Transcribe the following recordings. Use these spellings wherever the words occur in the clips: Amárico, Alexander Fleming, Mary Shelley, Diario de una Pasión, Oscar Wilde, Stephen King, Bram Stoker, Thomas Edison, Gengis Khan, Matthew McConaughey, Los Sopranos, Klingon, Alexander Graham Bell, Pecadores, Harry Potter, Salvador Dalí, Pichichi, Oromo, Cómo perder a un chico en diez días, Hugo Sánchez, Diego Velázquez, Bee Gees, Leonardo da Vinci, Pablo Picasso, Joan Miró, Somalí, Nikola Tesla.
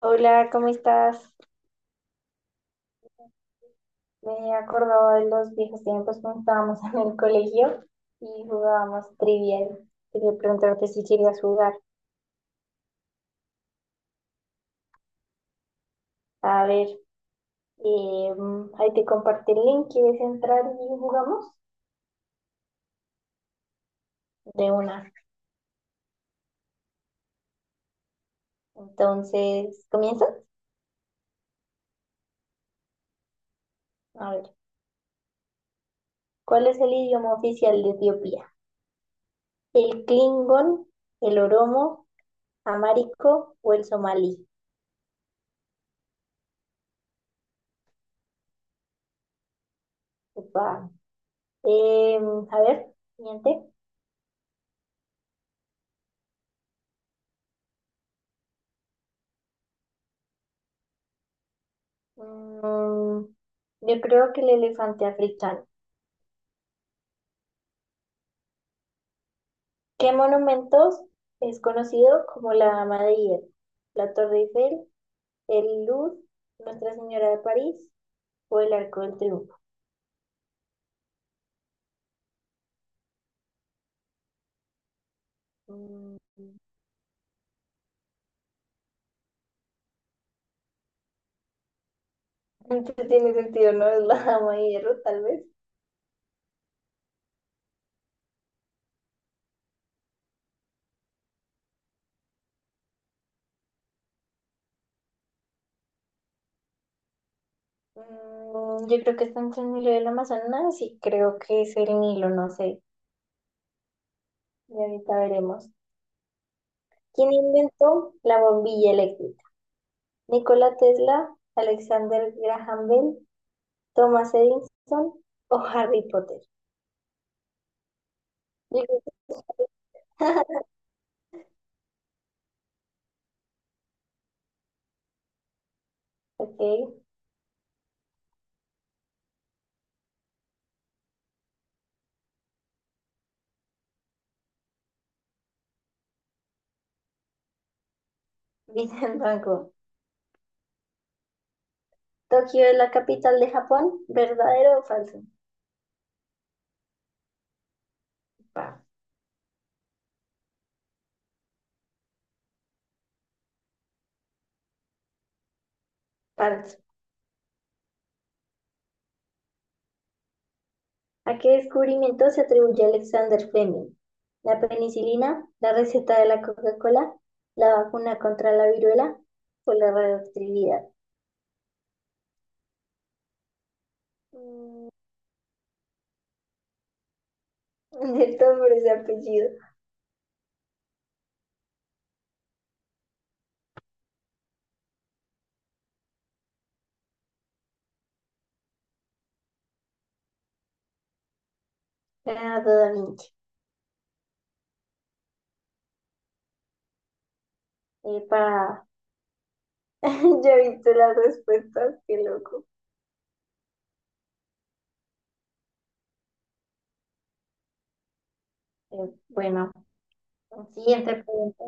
Hola, ¿cómo estás? Me acordaba de los viejos tiempos cuando estábamos en el colegio y jugábamos trivial. Quería preguntarte si querías jugar. A ver, eh, ahí te compartí el link. ¿Quieres entrar y jugamos? De una. Entonces, ¿comienzas? A ver, ¿cuál es el idioma oficial de Etiopía? ¿El Klingon, el Oromo, Amárico o el Somalí? Upa. A ver, siguiente. Mm, yo creo que el elefante africano. ¿Qué monumentos es conocido como la Dama de Hierro? La Torre Eiffel, el Louvre, Nuestra Señora de París o el Arco del Triunfo. Mm, entonces tiene sentido, ¿no? Es la Dama de Hierro, tal vez. Yo creo que está entre el Nilo y el Amazonas y creo que es el Nilo, no sé. Y ahorita veremos. ¿Quién inventó la bombilla eléctrica? Nikola Tesla, Alexander Graham Bell, Thomas Edison o Harry Potter. Yo creo que- Ok, Vincent Franco. Tokio es la capital de Japón, ¿verdadero o falso? Pa- Falso. ¿A qué descubrimiento se atribuye Alexander Fleming? ¿La penicilina, la receta de la Coca-Cola, la vacuna contra la viruela o la radioactividad? Mm, De nombre ese apellido. Leonardo da Vinci. Para. Ya he visto las respuestas, qué loco. Bueno. Siguiente pregunta.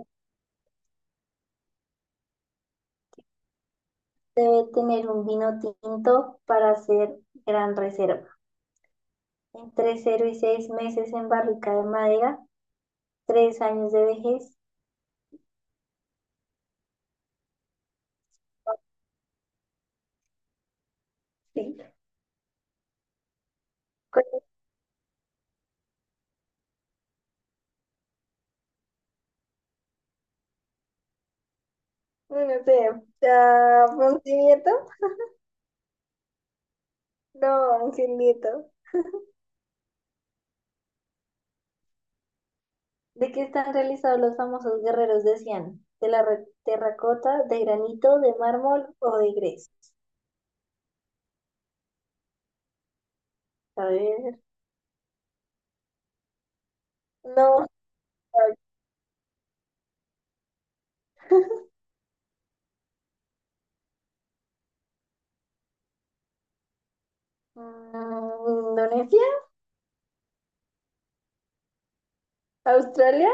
Debe tener un vino tinto para hacer gran reserva. Entre 0 y 6 meses en barrica de madera, 3 años de vejez. Sí. ¿Cuál es? No sé. ¿Ponce? No, Ángel. ¿De qué están realizados los famosos guerreros de Cian? ¿De la terracota, de granito, de mármol o de gres? A ver. No. ¿Indonesia? ¿Australia?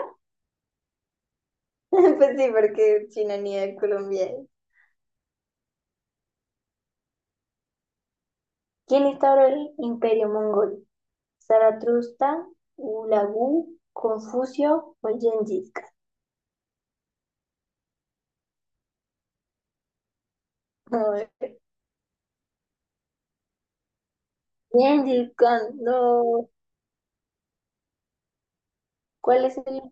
Pues sí, porque China ni de Colombia. ¿Quién instauró el imperio mongol? ¿Zaratustra, Ulagu, Confucio o Gengis Khan? A ver, Gengis Khan, no. ¿Cuál es el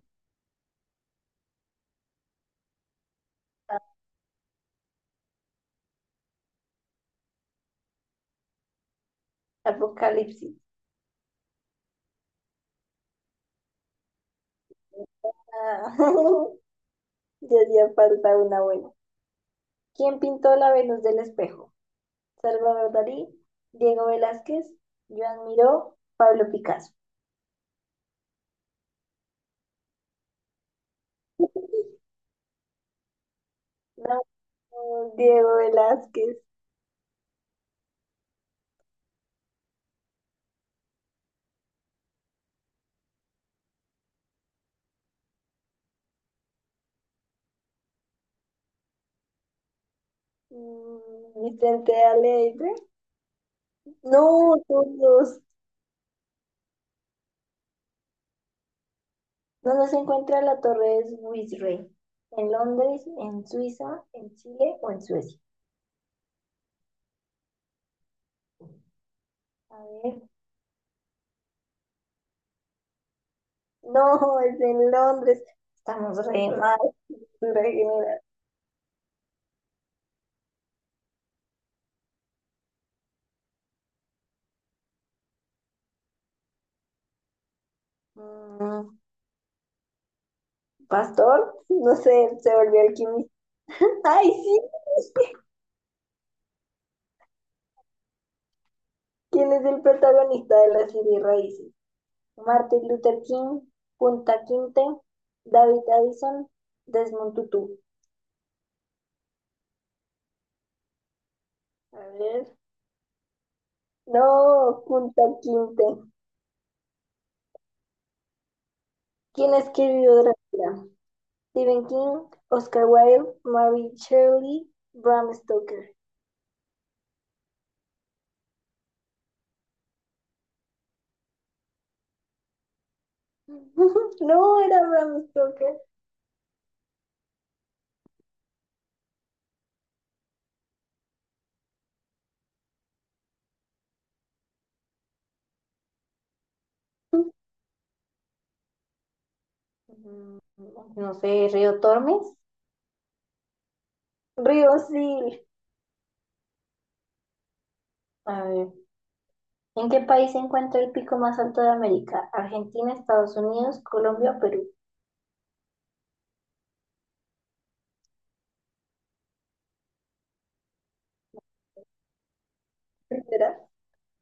apocalipsis? Ah, ya hacía falta una buena. ¿Quién pintó la Venus del espejo? Salvador Dalí, Diego Velázquez, Joan Miró, Pablo Picasso. No, Diego Velázquez, Vicente Alegre. No, todos. ¿Donde se encuentra la Torre de Swissray? ¿En Londres, en Suiza, en Chile o en Suecia? A ver. No, es en Londres. Estamos re mal, cultura general. Mm, Pastor, no sé, se volvió alquimista. ¡Ay, sí! ¿Quién es el protagonista de la serie Raíces? Martin Luther King, Punta Quinte, David Addison, Desmond Tutu. A ver. No, Punta Quinte. ¿Quién escribió Drácula? Stephen King, Oscar Wilde, Mary Shelley, Bram Stoker. No era Bram Stoker. Mm, No sé, Río Tormes. Río, sí. A ver, ¿en qué país se encuentra el pico más alto de América? Argentina, Estados Unidos, Colombia, Perú. ¿Será?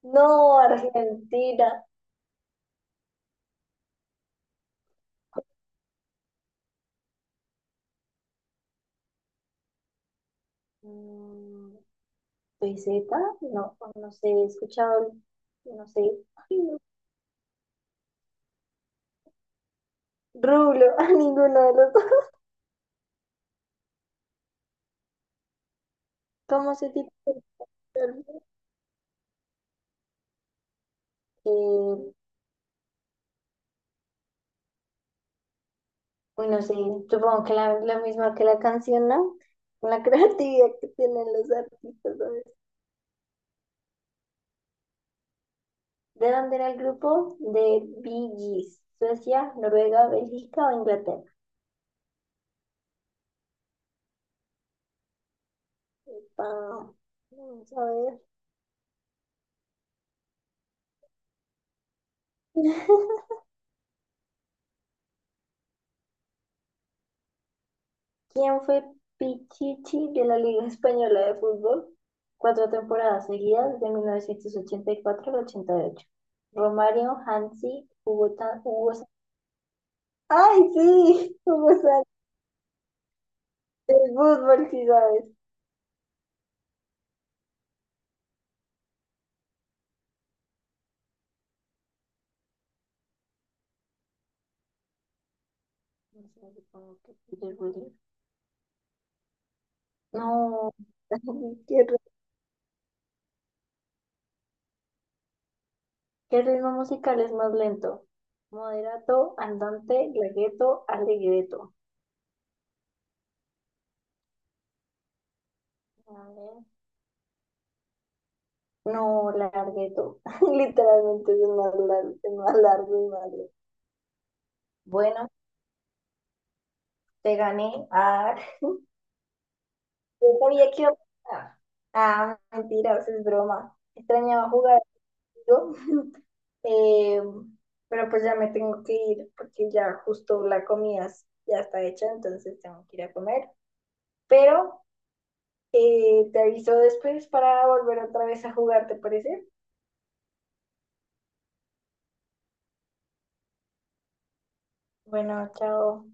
No, Argentina. Mm, ¿Peseta? No, no sé, he escuchado, no sé. Ay, no. Rublo, a ninguno de los dos. ¿Cómo se titula? Y bueno, sí, supongo que la misma que la canción, ¿no? La creatividad que tienen los artistas, ¿sabes? ¿De dónde era el grupo? De Bee Gees. Suecia, Noruega, Bélgica o Inglaterra. Ah, vamos a ver. ¿Quién fue Pichichi de la Liga Española de Fútbol? 4 temporadas seguidas de 1984 al 88. Romario, Hansi, Hugo, Tan- Hugo San- ¡Ay, sí! Hugo Sánchez, del fútbol, sí sabes. No sé, supongo que Peter Williams. No. ¿Qué qué ritmo musical es más lento? Moderato, andante, largueto, allegretto. A ver. No, largueto. Literalmente es el más largo y más lento. Bueno, te gané. Ah, yo sabía que iba a pasar. Ah, mentira, eso es broma. Extrañaba jugar contigo. Eh, pero pues ya me tengo que ir porque ya justo la comida ya está hecha, entonces tengo que ir a comer. Pero te aviso después para volver otra vez a jugar, ¿te parece? Bueno, chao.